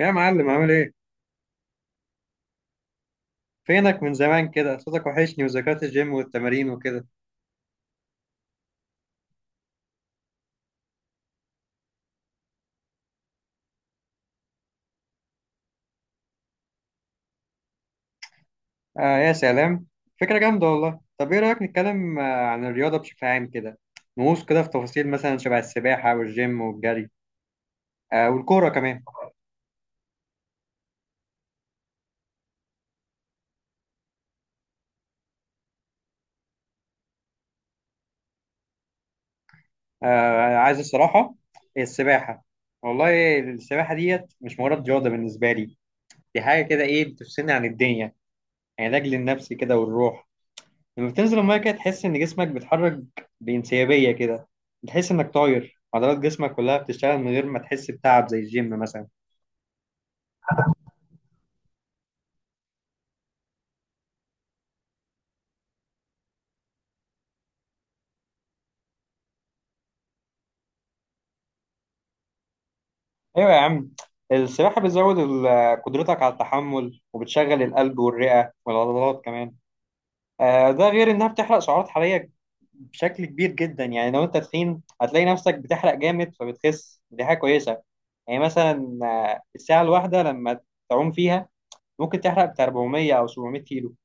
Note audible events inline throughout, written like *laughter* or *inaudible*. يا معلم عامل ايه؟ فينك من زمان كده؟ صوتك وحشني وذكريات الجيم والتمارين وكده. آه يا سلام، فكرة جامدة والله. طب ايه رأيك نتكلم عن الرياضة بشكل عام كده؟ نغوص كده في تفاصيل مثلا شبه السباحة والجيم والجري، آه، والكورة كمان. آه عايز الصراحة السباحة. والله السباحة ديت مش مجرد رياضة بالنسبة لي، دي حاجة كده ايه بتفصلني عن الدنيا، علاج للنفس كده والروح. لما بتنزل الميه كده تحس ان جسمك بيتحرك بانسيابيه كده، بتحس انك طاير، عضلات جسمك كلها بتشتغل من غير ما تحس بتعب زي الجيم مثلا. ايوه يا عم، السباحه بتزود قدرتك على التحمل وبتشغل القلب والرئه والعضلات كمان. ده غير انها بتحرق سعرات حراريه بشكل كبير جدا، يعني لو انت تخين هتلاقي نفسك بتحرق جامد فبتخس، دي حاجه كويسه. يعني مثلا الساعه الواحده لما تعوم فيها ممكن تحرق بتاع 400 او 700 كيلو،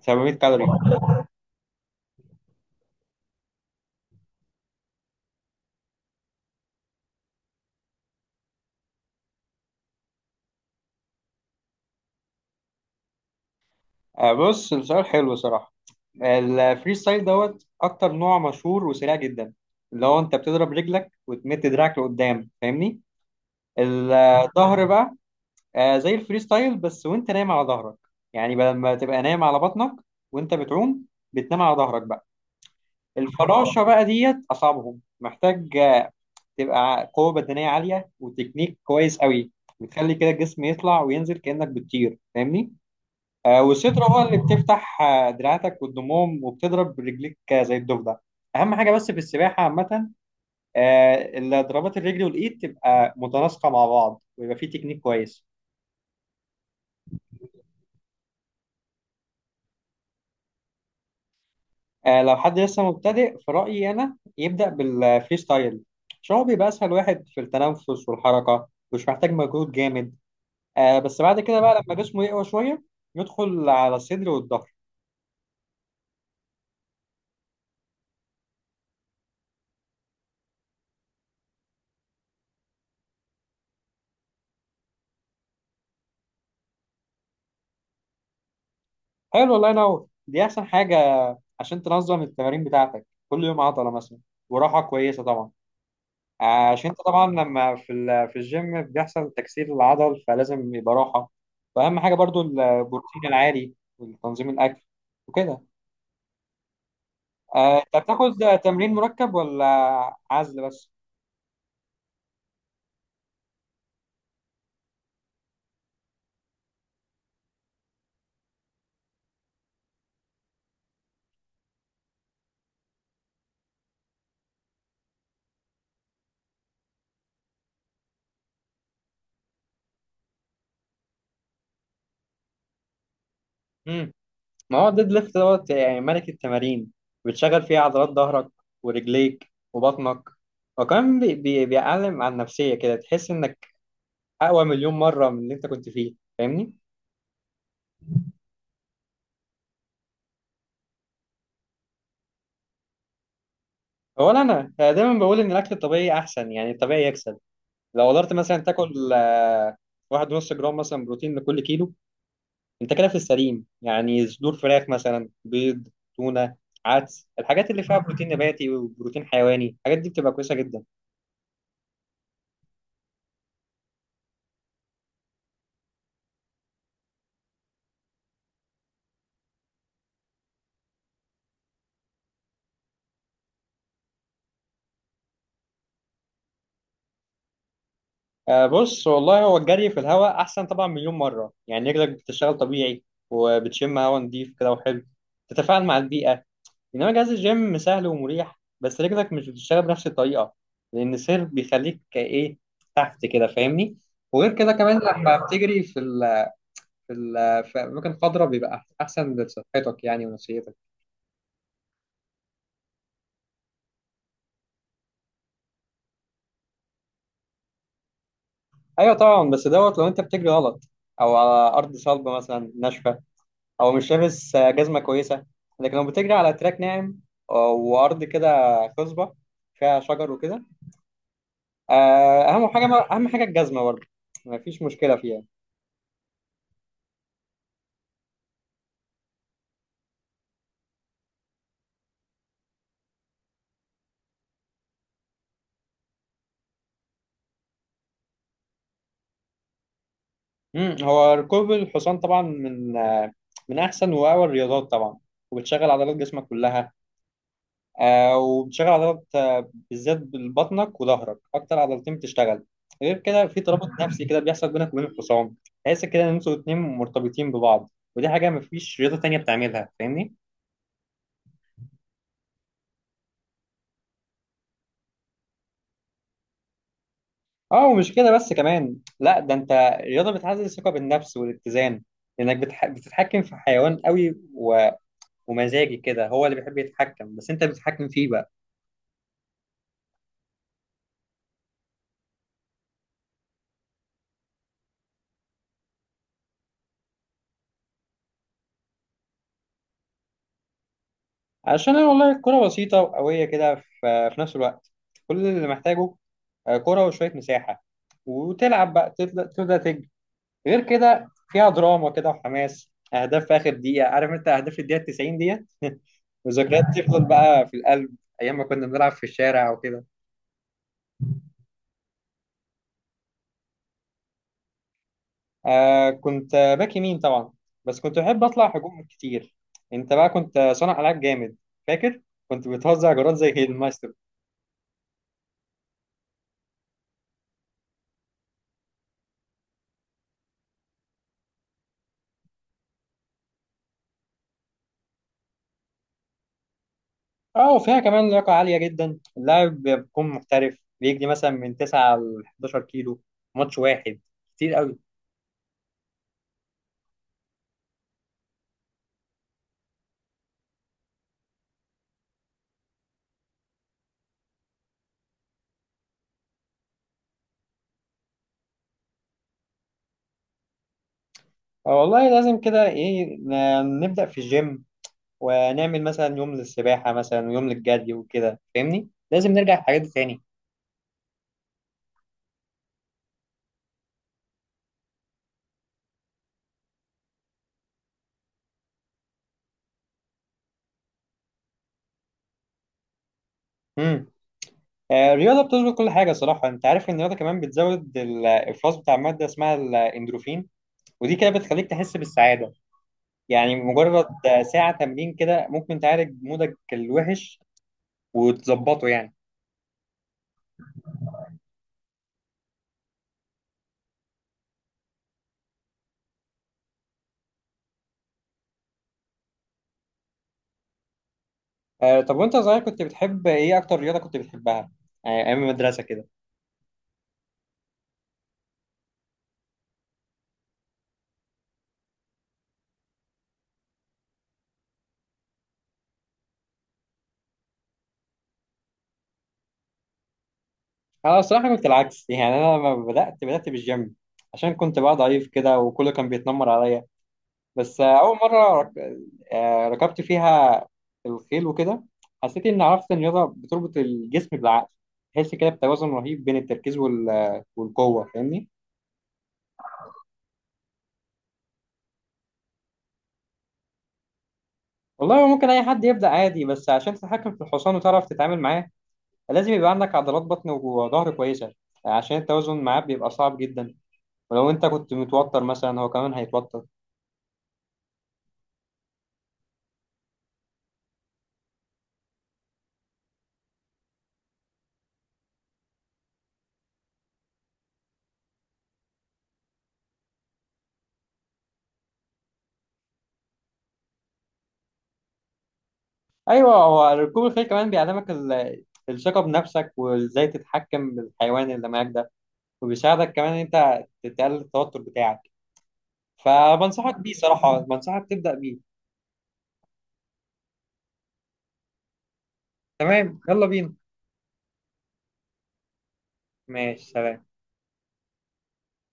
700 كالوري. بص السؤال حلو صراحة. الفري ستايل دوت أكتر نوع مشهور وسريع جدا، اللي هو أنت بتضرب رجلك وتمد دراعك لقدام فاهمني. الظهر بقى، زي الفري ستايل بس وأنت نايم على ظهرك، يعني بدل ما تبقى نايم على بطنك وأنت بتعوم، بتنام على ظهرك بقى. الفراشة بقى ديت أصعبهم، محتاج تبقى قوة بدنية عالية وتكنيك كويس قوي، بتخلي كده الجسم يطلع وينزل كأنك بتطير فاهمني. او الشترة بقى اللي بتفتح دراعاتك والضموم وبتضرب رجليك زي الضفدع. اهم حاجه بس في السباحه عامه، اللي ضربات الرجل والايد تبقى متناسقه مع بعض ويبقى في تكنيك كويس. لو حد لسه مبتدئ في رايي انا يبدا بالفري ستايل، عشان هو بيبقى اسهل واحد في التنفس والحركه، مش محتاج مجهود جامد. بس بعد كده بقى لما جسمه يقوى شويه يدخل على الصدر والظهر. حلو، الله ينور، دي احسن حاجه، عشان تنظم التمارين بتاعتك كل يوم عضله مثلا، وراحه كويسه طبعا، عشان انت طبعا لما في في الجيم بيحصل تكسير العضل فلازم يبقى راحه. واهم حاجه برضو البروتين العالي وتنظيم الاكل وكده. انت بتاخد تمرين مركب ولا عزل بس؟ امم، ما هو الديد ليفت دوت يعني ملك التمارين، بتشغل فيها عضلات ظهرك ورجليك وبطنك، وكمان بيعلم على النفسيه كده، تحس انك اقوى مليون مره من اللي انت كنت فيه فاهمني. اولا انا دايما بقول ان الاكل الطبيعي احسن، يعني الطبيعي يكسب. لو قدرت مثلا تاكل واحد ونص جرام مثلا بروتين لكل كيلو، انت كده في السليم. يعني صدور فراخ مثلا، بيض، تونه، عدس، الحاجات اللي فيها بروتين نباتي وبروتين حيواني، الحاجات دي بتبقى كويسه جدا. بص والله، هو الجري في الهواء احسن طبعا مليون مره، يعني رجلك بتشتغل طبيعي وبتشم هواء نضيف كده وحلو، تتفاعل مع البيئه. انما جهاز الجيم سهل ومريح بس رجلك مش بتشتغل بنفس الطريقه، لان السير بيخليك ايه تحت كده فاهمني. وغير كده كمان لما بتجري في ال في ال في اماكن خضراء بيبقى احسن لصحتك يعني ونفسيتك. ايوه طبعا، بس دوت لو انت بتجري غلط، او على ارض صلبه مثلا ناشفه، او مش لابس جزمه كويسه. لكن لو بتجري على تراك ناعم وارض كده خصبه فيها شجر وكده، اهم حاجه، اهم حاجه الجزمه برضه، مفيش مشكله فيها. امم، هو ركوب الحصان طبعا من من احسن واقوى الرياضات طبعا، وبتشغل عضلات جسمك كلها. وبتشغل عضلات بالذات بطنك وظهرك، اكتر عضلتين بتشتغل. غير كده في ترابط نفسي كده بيحصل بينك وبين الحصان، تحس كده ان انتوا الاتنين مرتبطين ببعض، ودي حاجه مفيش رياضه تانية بتعملها فاهمني. اه، ومش كده بس، كمان لا ده انت الرياضه بتعزز الثقه بالنفس والاتزان، لانك بتتحكم في حيوان قوي ومزاجي كده، هو اللي بيحب يتحكم بس انت بتتحكم فيه بقى. عشان أنا والله الكرة بسيطة وقوية كده في نفس الوقت، كل اللي محتاجه كرة وشوية مساحة وتلعب بقى، تبدأ تجري. غير كده فيها دراما كده وحماس، أهداف في آخر دقيقة، عارف أنت أهداف في الدقيقة 90 ديت *laughs* وذكريات تفضل بقى في القلب، أيام ما كنا بنلعب في الشارع وكده. آه كنت باك يمين طبعا، بس كنت بحب أطلع هجوم كتير. أنت بقى كنت صانع ألعاب جامد، فاكر؟ كنت بتوزع جرات زي المايسترو. اه وفيها كمان لياقة عالية جدا، اللاعب بيكون محترف بيجري مثلا من 9 ل 11 كيلو ماتش واحد، كتير قوي. والله لازم كده ايه نبدأ في الجيم، ونعمل مثلا يوم للسباحة مثلا ويوم للجري وكده فاهمني، لازم نرجع الحاجات دي تاني. امم، الرياضة بتظبط كل حاجة صراحة. انت عارف ان الرياضة كمان بتزود الافراز بتاع مادة اسمها الاندروفين، ودي كده بتخليك تحس بالسعادة. يعني مجرد ساعة تمرين كده ممكن تعالج مودك الوحش وتظبطه يعني. آه، طب وانت صغير كنت بتحب ايه؟ اكتر رياضه كنت بتحبها، آه ايام المدرسه كده. انا الصراحه كنت العكس، يعني انا لما بدات بالجيم عشان كنت بقى ضعيف كده وكله كان بيتنمر عليا. بس آه اول مره آه ركبت فيها الخيل وكده، حسيت ان، عرفت ان الرياضه بتربط الجسم بالعقل، تحس كده بتوازن رهيب بين التركيز والقوه فاهمني. والله ممكن اي حد يبدا عادي، بس عشان تتحكم في الحصان وتعرف تتعامل معاه، لازم يبقى عندك عضلات بطن وظهر كويسة، عشان التوازن معاه بيبقى صعب جدا، ولو انت كنت متوتر مثلا هو كمان هيتوتر. ايوه، هو ركوب الخيل كمان بيعلمك الثقة بنفسك وازاي تتحكم بالحيوان اللي معاك ده، وبيساعدك كمان ان انت تقلل التوتر بتاعك، فبنصحك بيه صراحة، بنصحك تبدأ بيه. تمام يلا بينا. ماشي سلام.